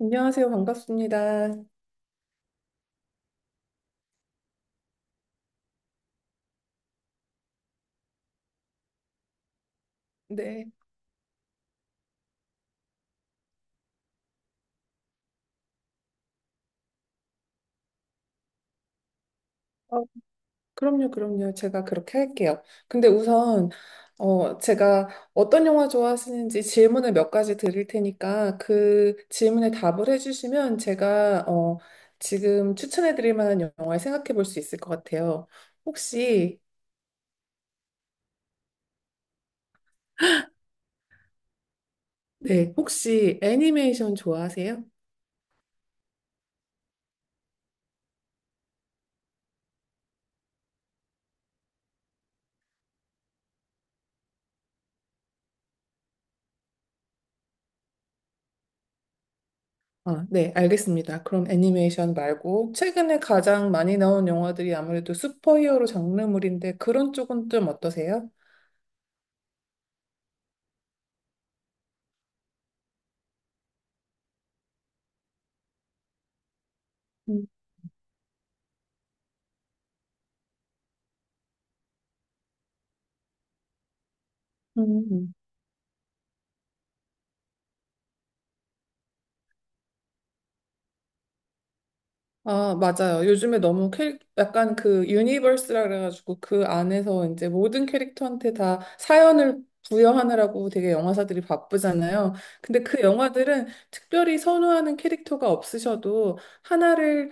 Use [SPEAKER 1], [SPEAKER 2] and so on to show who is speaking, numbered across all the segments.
[SPEAKER 1] 안녕하세요. 반갑습니다. 네. 어, 그럼요, 그럼요. 제가 그렇게 할게요. 근데 우선, 제가 어떤 영화 좋아하시는지 질문을 몇 가지 드릴 테니까 그 질문에 답을 해주시면 제가, 지금 추천해 드릴 만한 영화를 생각해 볼 수 있을 것 같아요. 혹시, 네, 혹시 애니메이션 좋아하세요? 아, 네, 알겠습니다. 그럼 애니메이션 말고 최근에 가장 많이 나온 영화들이 아무래도 슈퍼히어로 장르물인데 그런 쪽은 좀 어떠세요? 음, 음. 아, 맞아요. 요즘에 너무 캐릭, 약간 그 유니버스라 그래가지고 그 안에서 이제 모든 캐릭터한테 다 사연을 부여하느라고 되게 영화사들이 바쁘잖아요. 근데 그 영화들은 특별히 선호하는 캐릭터가 없으셔도 하나를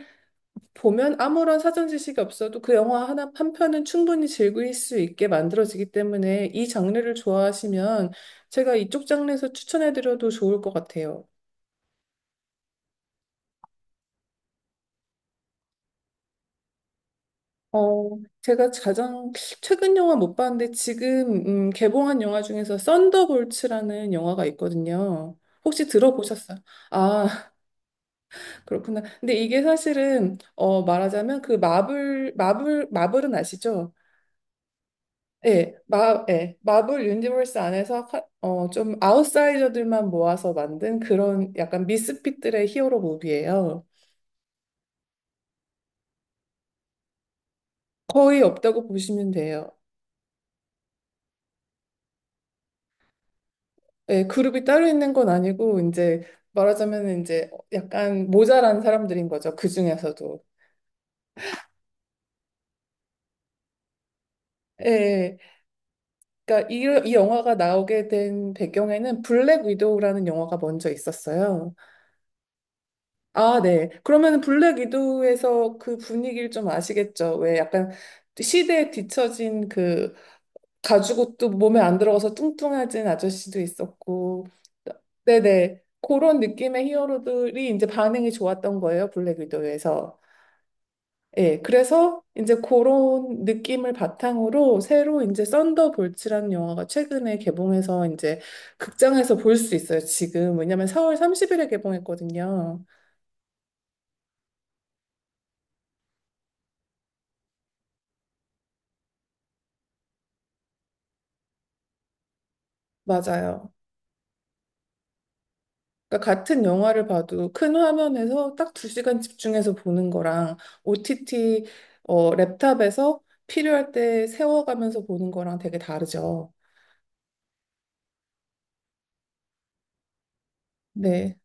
[SPEAKER 1] 보면 아무런 사전 지식이 없어도 그 영화 하나, 한 편은 충분히 즐길 수 있게 만들어지기 때문에 이 장르를 좋아하시면 제가 이쪽 장르에서 추천해드려도 좋을 것 같아요. 어, 제가 가장 최근 영화 못 봤는데 지금 개봉한 영화 중에서 썬더볼츠라는 영화가 있거든요. 혹시 들어보셨어요? 아, 그렇구나. 근데 이게 사실은 말하자면 그 마블은 아시죠? 예, 마블 유니버스 안에서 좀 아웃사이저들만 모아서 만든 그런 약간 미스핏들의 히어로 무비예요. 거의 없다고 보시면 돼요. 예, 그룹이 따로 있는 건 아니고 이제 말하자면 이제 약간 모자란 사람들인 거죠. 그 중에서도. 예, 그러니까 이 영화가 나오게 된 배경에는 블랙 위도우라는 영화가 먼저 있었어요. 아, 네. 그러면 블랙 위도우에서 그 분위기를 좀 아시겠죠? 왜 약간 시대에 뒤처진 그 가죽 옷도 몸에 안 들어가서 뚱뚱해진 아저씨도 있었고. 네네. 그런 느낌의 히어로들이 이제 반응이 좋았던 거예요, 블랙 위도우에서. 예, 그래서 이제 그런 느낌을 바탕으로 새로 이제 썬더볼츠라는 영화가 최근에 개봉해서 이제 극장에서 볼 수 있어요, 지금. 왜냐면 4월 30일에 개봉했거든요. 맞아요. 그러니까 같은 영화를 봐도 큰 화면에서 딱 두 시간 집중해서 보는 거랑 OTT 랩탑에서 필요할 때 세워가면서 보는 거랑 되게 다르죠. 네,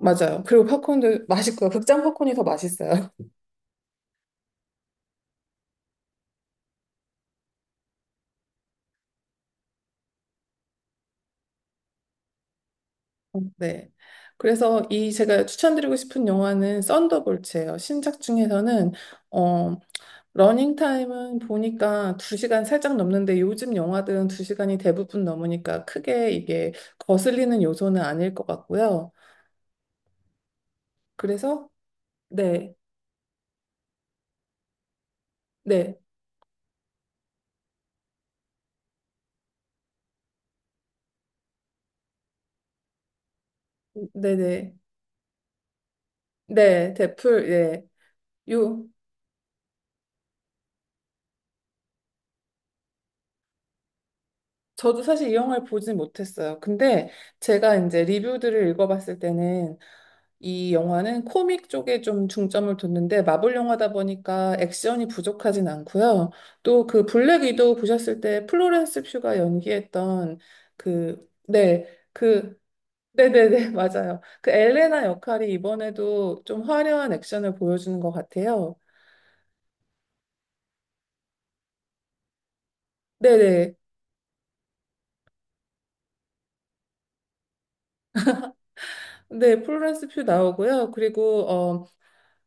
[SPEAKER 1] 맞아요. 그리고 팝콘도 맛있고요. 극장 팝콘이 더 맛있어요. 네. 그래서 이 제가 추천드리고 싶은 영화는 썬더볼츠예요. 신작 중에서는 어, 러닝 타임은 보니까 2시간 살짝 넘는데 요즘 영화들은 2시간이 대부분 넘으니까 크게 이게 거슬리는 요소는 아닐 것 같고요. 그래서 네, 네, 네, 네, 네, 대풀, 예, 요, 저도 사실 이 영화를 보진 못했어요. 근데 제가 이제 리뷰들을 읽어봤을 때는 이 영화는 코믹 쪽에 좀 중점을 뒀는데 마블 영화다 보니까 액션이 부족하진 않고요. 또 그 블랙 위도우 보셨을 때 플로렌스 퓨가 연기했던 그, 네, 그, 네네네, 맞아요. 그 엘레나 역할이 이번에도 좀 화려한 액션을 보여주는 것 같아요. 네네. 네, 플로렌스 퓨 나오고요. 그리고,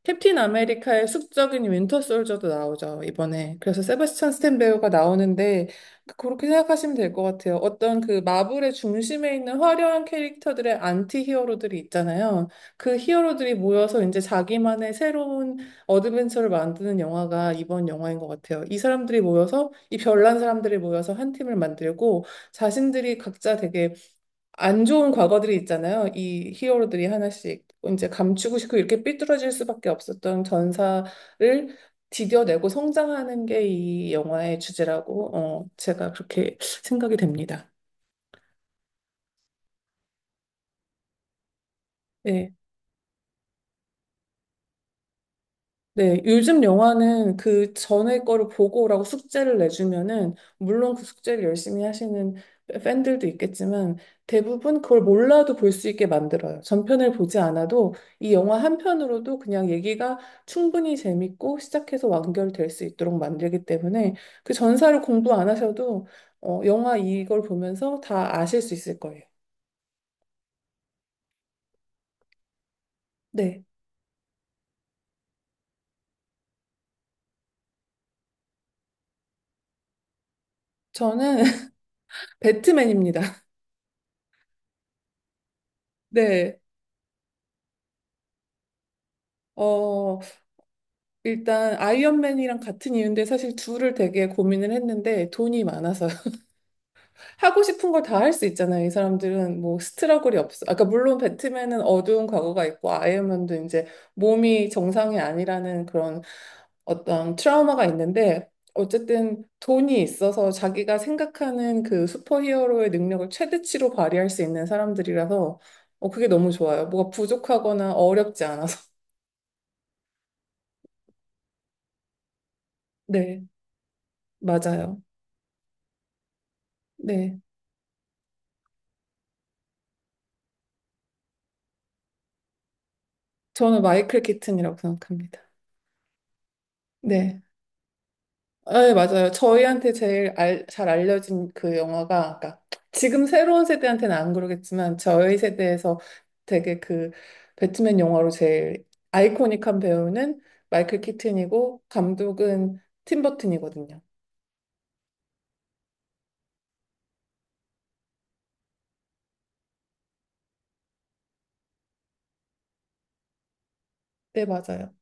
[SPEAKER 1] 캡틴 아메리카의 숙적인 윈터 솔저도 나오죠, 이번에. 그래서 세바스찬 스탠 배우가 나오는데, 그렇게 생각하시면 될 것 같아요. 어떤 그 마블의 중심에 있는 화려한 캐릭터들의 안티 히어로들이 있잖아요. 그 히어로들이 모여서 이제 자기만의 새로운 어드벤처를 만드는 영화가 이번 영화인 것 같아요. 이 사람들이 모여서, 이 별난 사람들이 모여서 한 팀을 만들고, 자신들이 각자 되게 안 좋은 과거들이 있잖아요. 이 히어로들이 하나씩 이제 감추고 싶고 이렇게 삐뚤어질 수밖에 없었던 전사를 디뎌내고 성장하는 게 이 영화의 주제라고 제가 그렇게 생각이 됩니다. 네. 네, 요즘 영화는 그 전에 거를 보고 오라고 숙제를 내주면은, 물론 그 숙제를 열심히 하시는 팬들도 있겠지만, 대부분 그걸 몰라도 볼 수 있게 만들어요. 전편을 보지 않아도 이 영화 한 편으로도 그냥 얘기가 충분히 재밌고 시작해서 완결될 수 있도록 만들기 때문에 그 전사를 공부 안 하셔도, 영화 이걸 보면서 다 아실 수 있을 거예요. 네. 저는 배트맨입니다. 네. 어, 일단 아이언맨이랑 같은 이유인데 사실 둘을 되게 고민을 했는데 돈이 많아서 하고 싶은 걸 다 할 수 있잖아요. 이 사람들은 뭐 스트러글이 없어. 아까 물론 배트맨은 어두운 과거가 있고 아이언맨도 이제 몸이 정상이 아니라는 그런 어떤 트라우마가 있는데 어쨌든 돈이 있어서 자기가 생각하는 그 슈퍼히어로의 능력을 최대치로 발휘할 수 있는 사람들이라서 그게 너무 좋아요. 뭐가 부족하거나 어렵지 않아서. 네, 맞아요. 네. 저는 마이클 키튼이라고 생각합니다. 네. 아, 네, 맞아요. 저희한테 제일 알, 잘 알려진 그 영화가, 그러니까 지금 새로운 세대한테는 안 그러겠지만, 저희 세대에서 되게 그 배트맨 영화로 제일 아이코닉한 배우는 마이클 키튼이고, 감독은 팀 버튼이거든요. 네, 맞아요.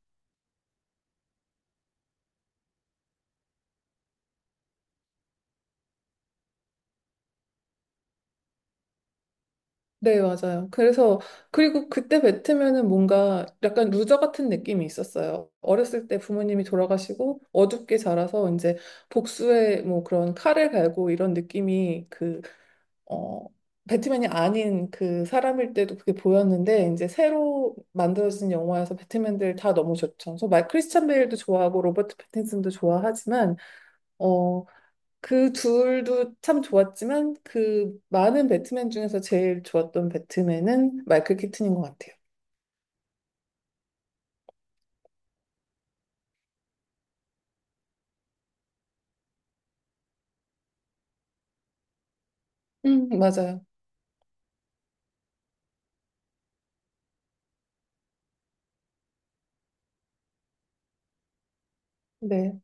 [SPEAKER 1] 네, 맞아요. 그래서, 그리고 그때 뱉으면은 뭔가 약간 루저 같은 느낌이 있었어요. 어렸을 때 부모님이 돌아가시고 어둡게 자라서 이제 복수의 뭐 그런 칼을 갈고 이런 느낌이 어, 배트맨이 아닌 그 사람일 때도 그게 보였는데 이제 새로 만들어진 영화에서 배트맨들 다 너무 좋죠. 그래서 말 크리스찬 베일도 좋아하고 로버트 패틴슨도 좋아하지만 어, 그 둘도 참 좋았지만 그 많은 배트맨 중에서 제일 좋았던 배트맨은 마이클 키튼인 것 같아요. 맞아요. 네.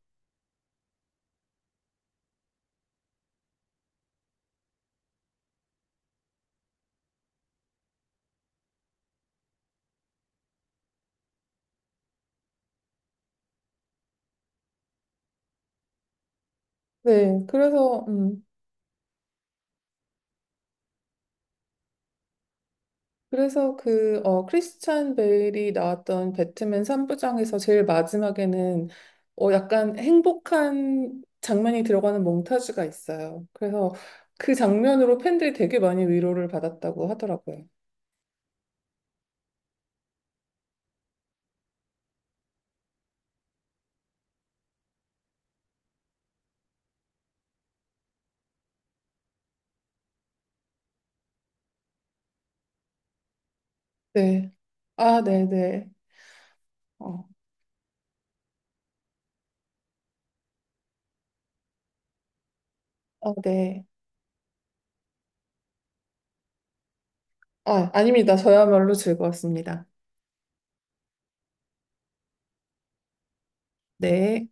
[SPEAKER 1] 네. 그래서, 그래서 크리스찬 베일이 나왔던 배트맨 3부작에서 제일 마지막에는, 약간 행복한 장면이 들어가는 몽타주가 있어요. 그래서 그 장면으로 팬들이 되게 많이 위로를 받았다고 하더라고요. 네. 아, 네네. 어, 네. 아, 아닙니다. 저야말로 즐거웠습니다. 네.